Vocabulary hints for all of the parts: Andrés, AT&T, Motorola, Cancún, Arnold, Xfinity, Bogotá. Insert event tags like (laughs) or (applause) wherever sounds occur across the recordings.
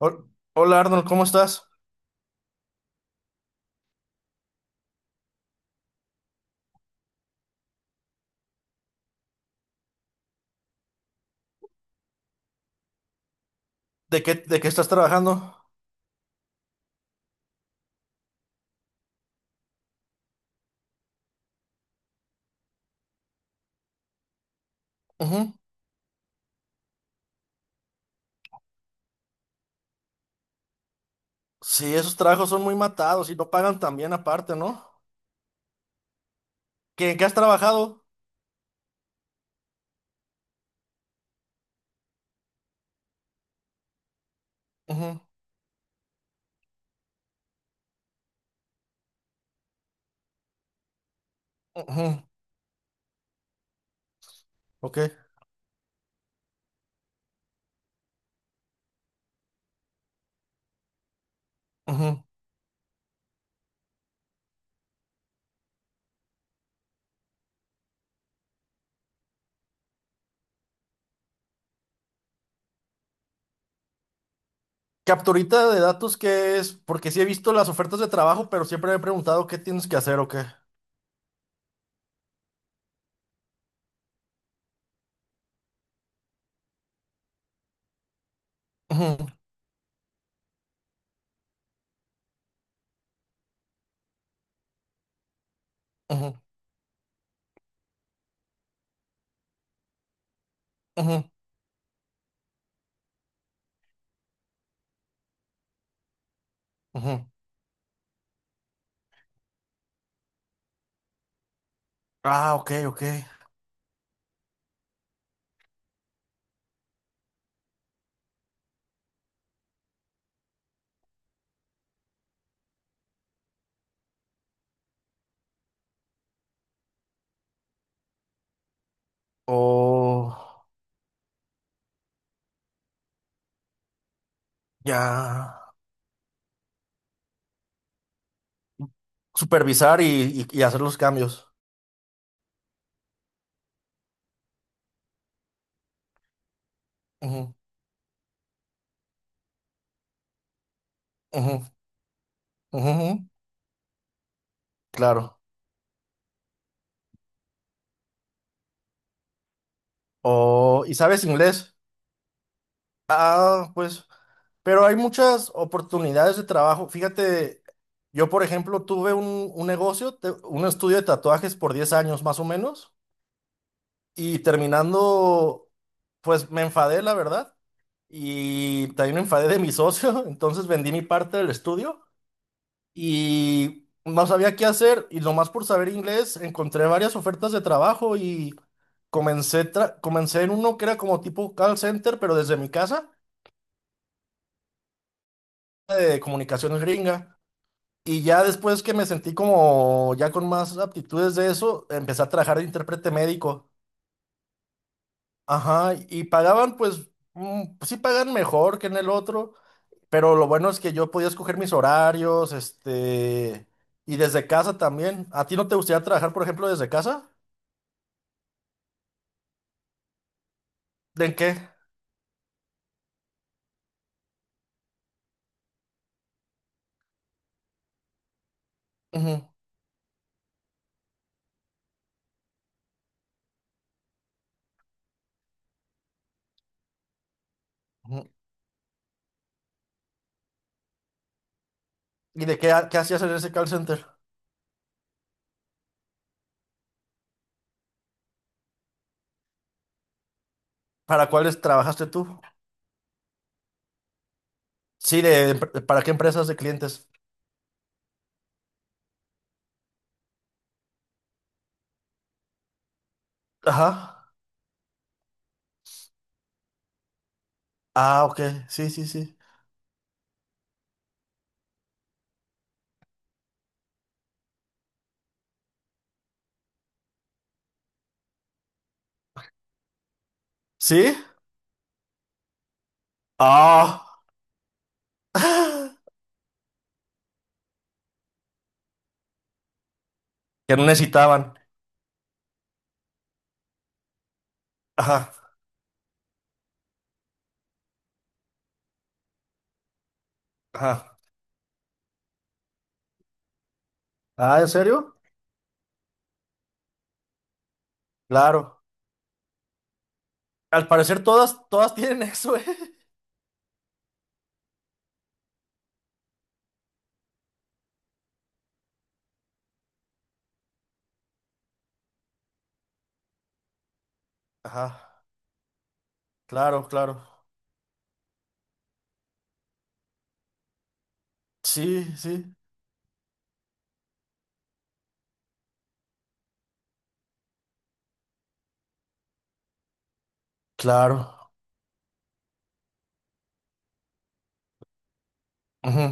Hol- Hola Arnold, ¿cómo estás? ¿De qué estás trabajando? Ujú. Sí, esos trabajos son muy matados y no pagan tan bien aparte, ¿no? ¿Qué has trabajado? Ujú, ujú, ok, ujú. Capturita de datos, ¿qué es? Porque sí he visto las ofertas de trabajo, pero siempre me he preguntado qué tienes que hacer o qué. Ujú, ujú, ujú, ujú. Ah, ok, ok. O ya. Supervisar y, y hacer los cambios. Ujú, ujú, ujú, ujú. Claro. O, ¿y sabes inglés? Ah, pues, pero hay muchas oportunidades de trabajo. Fíjate, yo por ejemplo tuve un negocio, un estudio de tatuajes por 10 años más o menos, y terminando, pues me enfadé, la verdad, y también me enfadé de mi socio, (laughs) entonces vendí mi parte del estudio y no sabía qué hacer, y nomás por saber inglés encontré varias ofertas de trabajo y comencé en uno que era como tipo call center, pero desde mi casa, de comunicaciones gringa. Y ya después que me sentí como ya con más aptitudes de eso, empecé a trabajar de intérprete médico. Ajá, y pagaban pues, pues sí pagan mejor que en el otro, pero lo bueno es que yo podía escoger mis horarios, este, y desde casa también. ¿A ti no te gustaría trabajar, por ejemplo, desde casa? ¿De en qué? Ujú, ujú. ¿Y de qué, qué hacías en ese call center? ¿Para cuáles trabajaste tú? Sí, de, ¿para qué empresas de clientes? Ajá. Ah, ok. Sí, sí, sí. ¿Sí? Ah. (laughs) ¡Ah! Que no necesitaban. Ajá, ajá. Ah, ¿en serio? Claro. Al parecer todas, todas tienen (laughs) eso, ¿eh? Ajá, claro, claro. Sí, sí, claro. Ujú.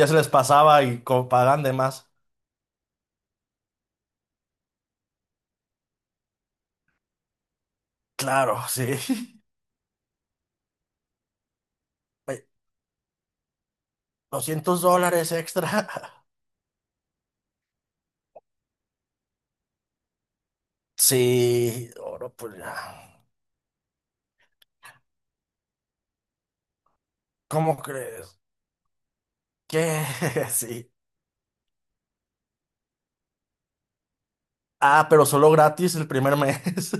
Ya se les pasaba y como pagan de más. Claro, sí. (laughs) Ve- $200 extra. (laughs) Sí, oro, pues ya. ¿Cómo crees? ¿Qué? (laughs) Sí. Ah, pero solo gratis el primer mes.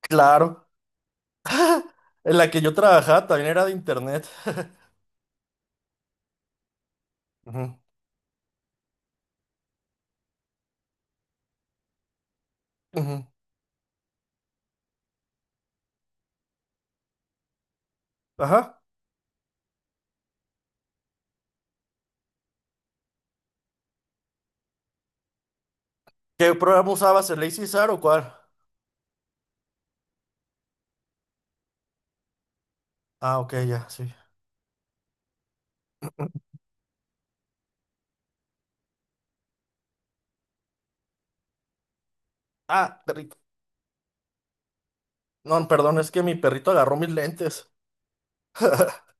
(laughs) Claro. En la que yo trabajaba también era de internet. (laughs) Ujú, ujú. Ajá. ¿Qué programa usabas? ¿El Lazy Sar o cuál? Ah, ok, ya, sí. Ah, perrito. No, perdón, es que mi perrito agarró mis lentes. (laughs)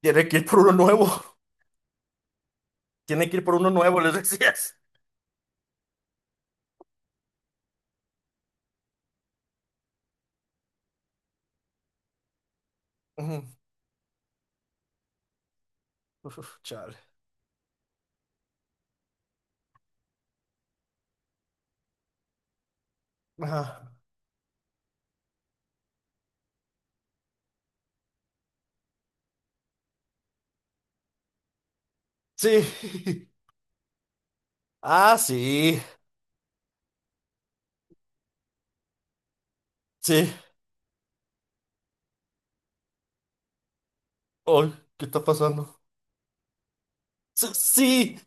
Tiene que ir por uno nuevo. (laughs) Tiene que ir por uno nuevo, les decías. Ujú. Uf, chale. Ajá. Sí. (laughs) Ah, sí. Sí. Ay, ¿qué está pasando? Sí, sí.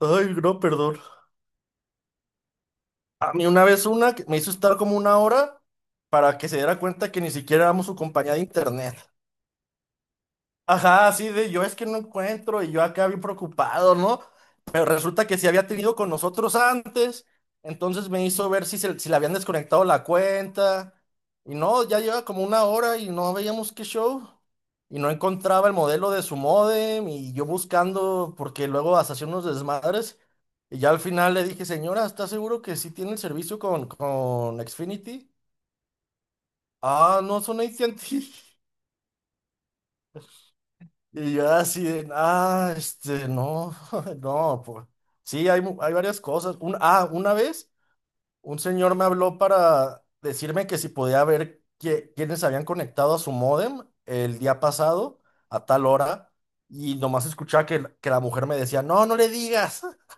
Ay, no, perdón. A mí una vez una que me hizo estar como una hora para que se diera cuenta que ni siquiera éramos su compañía de internet. Ajá, así de yo es que no encuentro y yo acá bien preocupado, ¿no? Pero resulta que sí había tenido con nosotros antes, entonces me hizo ver si le habían desconectado la cuenta y no, ya lleva como una hora y no veíamos qué show y no encontraba el modelo de su modem y yo buscando porque luego hasta hacía unos desmadres y ya al final le dije, señora, ¿está seguro que sí tiene el servicio con Xfinity? Ah, no, son AT&T. Y yo así de, ah, este, no, (laughs) no, pues. Sí, hay, hay varias cosas. Una vez un señor me habló para decirme que si podía ver quiénes habían conectado a su módem el día pasado a tal hora. Y nomás escuchaba que la mujer me decía, no, no le digas. (laughs)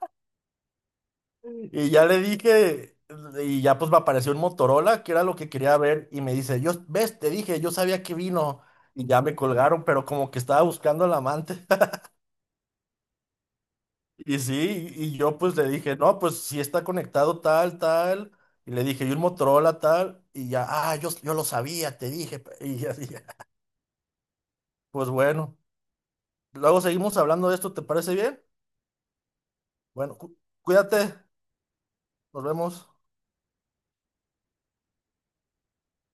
Y ya le dije, y ya pues me apareció un Motorola, que era lo que quería ver. Y me dice, yo, ves, te dije, yo sabía que vino. Y ya me colgaron, pero como que estaba buscando al amante. Y sí, y yo pues le dije, no, pues si está conectado tal, tal, y le dije, y un Motorola tal, y ya, ah, yo lo sabía, te dije, (laughs) pe-". Y así, (laughs) pues bueno, luego seguimos hablando de esto, ¿te parece bien? Bueno, cuídate, nos vemos.